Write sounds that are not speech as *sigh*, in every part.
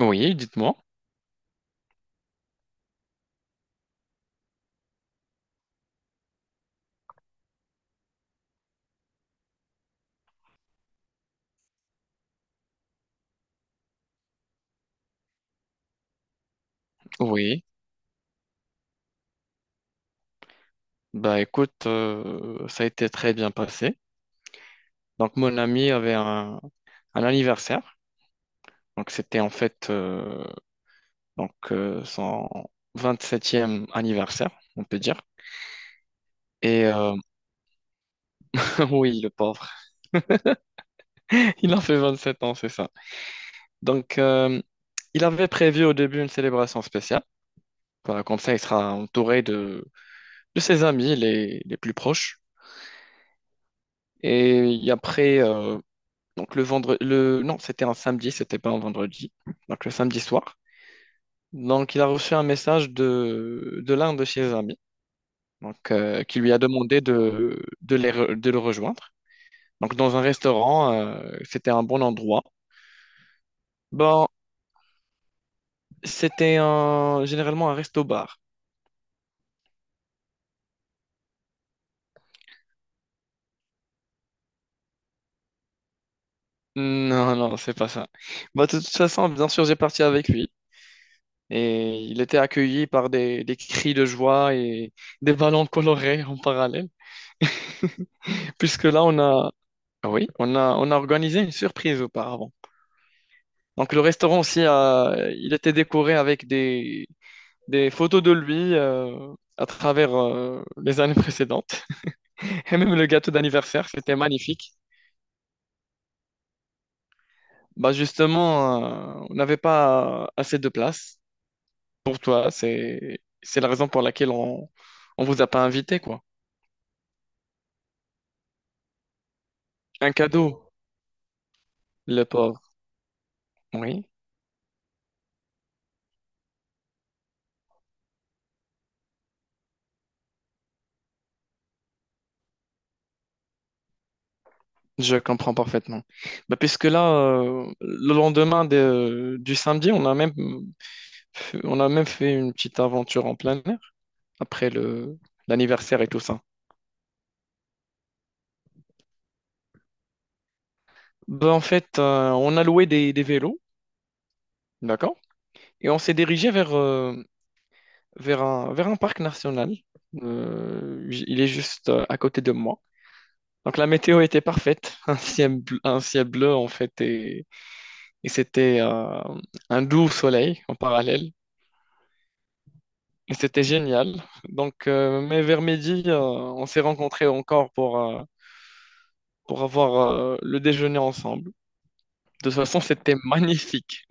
Oui, dites-moi. Oui. Bah écoute, ça a été très bien passé. Donc mon ami avait un anniversaire. Donc c'était en fait son vingt-septième anniversaire, on peut dire. Et euh, *laughs* oui, le pauvre. *laughs* Il en fait 27 ans, c'est ça. Donc euh, il avait prévu au début une célébration spéciale. Voilà, comme ça, il sera entouré de ses amis les plus proches. Et après, euh, Donc le vendredi, le... non, c'était un samedi, c'était pas un vendredi. Donc le samedi soir. Donc il a reçu un message de l'un de ses amis, qui lui a demandé de le rejoindre. Donc dans un restaurant, c'était un bon endroit. Bon, c'était un... généralement un resto-bar. Non, non, c'est pas ça. Bah, de toute façon, bien sûr, j'ai parti avec lui. Et il était accueilli par des cris de joie et des ballons colorés en parallèle. Puisque là, on a, Ah oui, on a organisé une surprise auparavant. Donc le restaurant aussi, il était décoré avec des photos de lui à travers les années précédentes. *laughs* Et même le gâteau d'anniversaire, c'était magnifique. Bah justement, on n'avait pas assez de place pour toi. C'est la raison pour laquelle on ne vous a pas invité, quoi. Un cadeau, le pauvre. Oui, je comprends parfaitement. Bah, puisque là, le lendemain du samedi, on a même fait une petite aventure en plein air après le l'anniversaire et tout ça. Ben, en fait, on a loué des vélos, d'accord? Et on s'est dirigé vers vers un parc national. Il est juste à côté de moi. Donc la météo était parfaite, *laughs* un ciel bleu en fait, et c'était un doux soleil en parallèle. Et c'était génial. Donc, mais vers midi, on s'est rencontrés encore pour avoir le déjeuner ensemble. De toute façon, c'était magnifique.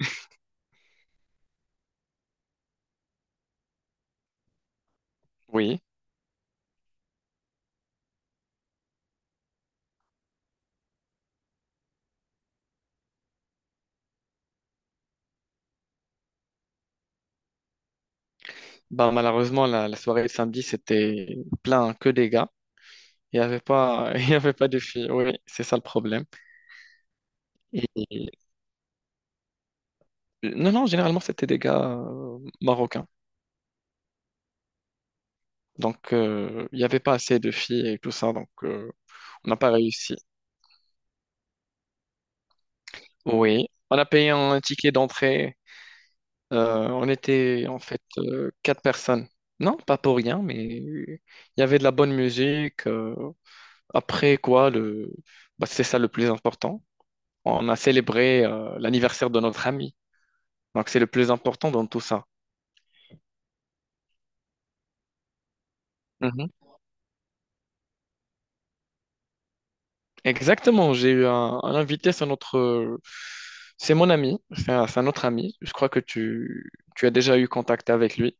Oui. Bah, malheureusement, la soirée de samedi, c'était plein que des gars. Il n'y avait pas, *laughs* il y avait pas de filles. Oui, c'est ça le problème. Et- et- Non, non, généralement, c'était des gars marocains. Donc, il n'y avait pas assez de filles et tout ça. Donc, on n'a pas réussi. Oui. On a payé un ticket d'entrée. On était en fait quatre personnes. Non, pas pour rien, mais il y avait de la bonne musique. Après quoi, le... bah, c'est ça le plus important. On a célébré l'anniversaire de notre ami. Donc, c'est le plus important dans tout ça. Mhm. Exactement, j'ai eu un invité, c'est notre... c'est mon ami, c'est c'est un autre ami. Je crois que tu as déjà eu contact avec lui.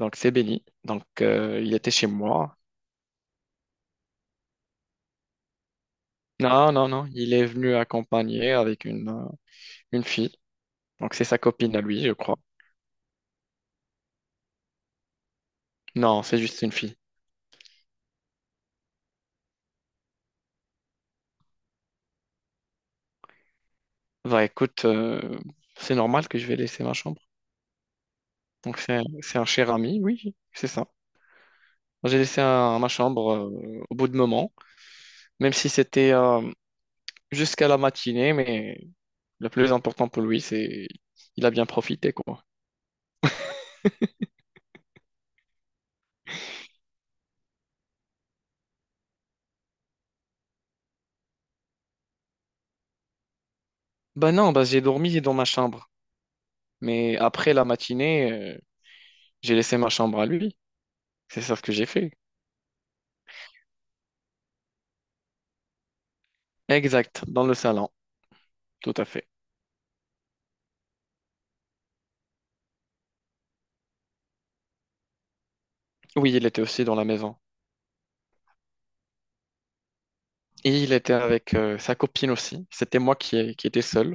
Donc, c'est Benny. Donc, il était chez moi. Non, non, non, il est venu accompagner avec une fille. Donc, c'est sa copine à lui, je crois. Non, c'est juste une fille. Bah, écoute, c'est normal que je vais laisser ma chambre. Donc c'est c'est un cher ami, oui, c'est ça. J'ai laissé ma chambre au bout de moment, même si c'était jusqu'à la matinée, mais le plus important pour lui, c'est il a bien profité, quoi. Bah non, bah j'ai dormi dans ma chambre, mais après la matinée, j'ai laissé ma chambre à lui. C'est ça ce que j'ai fait. Exact, dans le salon, tout à fait. Oui, il était aussi dans la maison. Et il était avec sa copine aussi. C'était moi qui étais seul.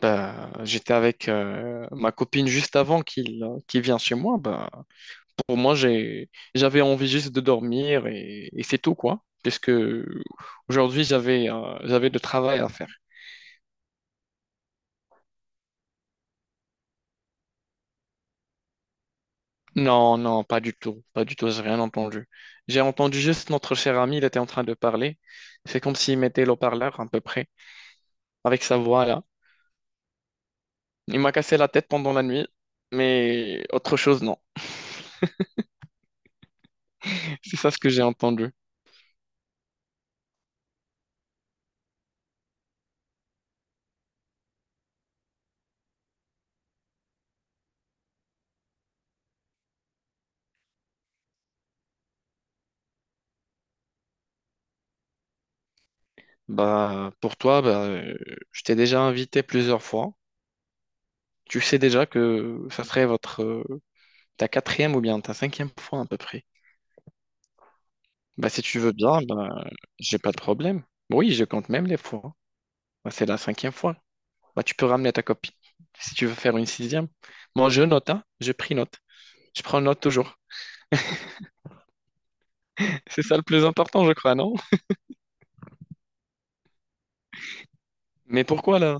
Bah, j'étais avec ma copine juste avant qu'il vienne chez moi. Bah, pour moi, j'avais envie juste de dormir et c'est tout, quoi. Puisque aujourd'hui, j'avais de travail à faire. Non, non, pas du tout. Pas du tout, j'ai rien entendu. J'ai entendu juste notre cher ami, il était en train de parler. C'est comme s'il mettait le parleur à peu près, avec sa voix là. Il m'a cassé la tête pendant la nuit, mais autre chose, non. *laughs* C'est ça ce que j'ai entendu. Bah, pour toi, bah, je t'ai déjà invité plusieurs fois. Tu sais déjà que ça serait votre, ta quatrième ou bien ta cinquième fois à peu près. Bah, si tu veux bien, bah, j'ai pas de problème. Oui, je compte même les fois. Bah, c'est la cinquième fois. Bah, tu peux ramener ta copine si tu veux faire une sixième. Moi, je note, hein. Je pris note. Je prends note toujours. *laughs* C'est ça le plus important, je crois, non? Mais pourquoi là?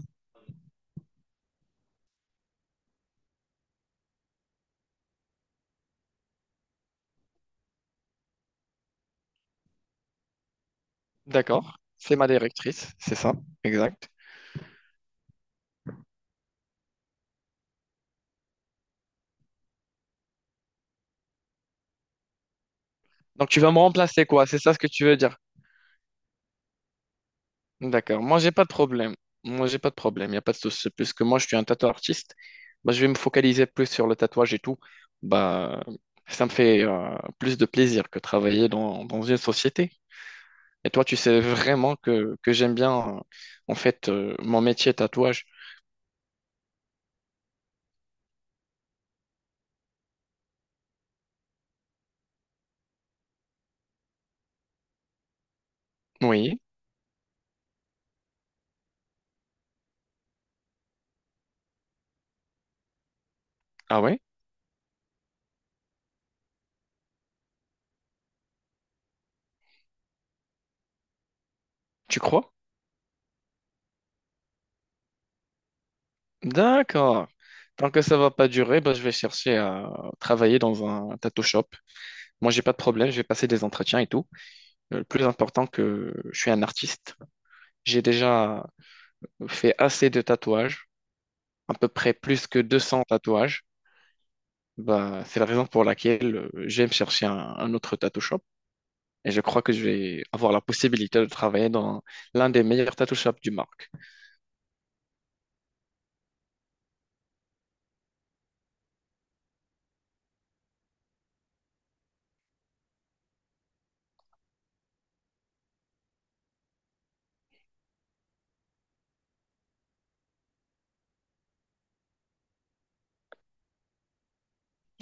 D'accord. C'est ma directrice, c'est ça, exact. Donc tu vas me remplacer quoi? C'est ça ce que tu veux dire? D'accord. Moi, j'ai pas de problème. Moi, j'ai pas de problème. Il n'y a pas de souci. Puisque moi, je suis un tatoueur artiste, bah, je vais me focaliser plus sur le tatouage et tout. Bah, ça me fait plus de plaisir que travailler dans une société. Et toi, tu sais vraiment que j'aime bien, en fait, mon métier tatouage. Oui. Ah ouais? Tu crois? D'accord. Tant que ça va pas durer, bah, je vais chercher à travailler dans un tattoo shop. Moi, j'ai pas de problème. Je vais passer des entretiens et tout. Le plus important que je suis un artiste. J'ai déjà fait assez de tatouages, à peu près plus que 200 tatouages. Bah, c'est la raison pour laquelle j'aime chercher un autre tattoo shop. Et je crois que je vais avoir la possibilité de travailler dans l'un des meilleurs tattoo shops du marque.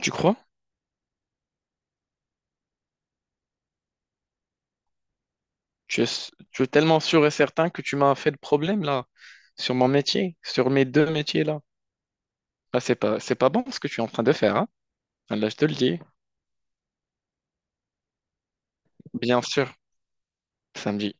Tu crois? Tu es, tu es tellement sûr et certain que tu m'as fait de problème là, sur mon métier, sur mes deux métiers là. Ah, c'est pas bon ce que tu es en train de faire, hein. Là, je te le dis. Bien sûr, samedi.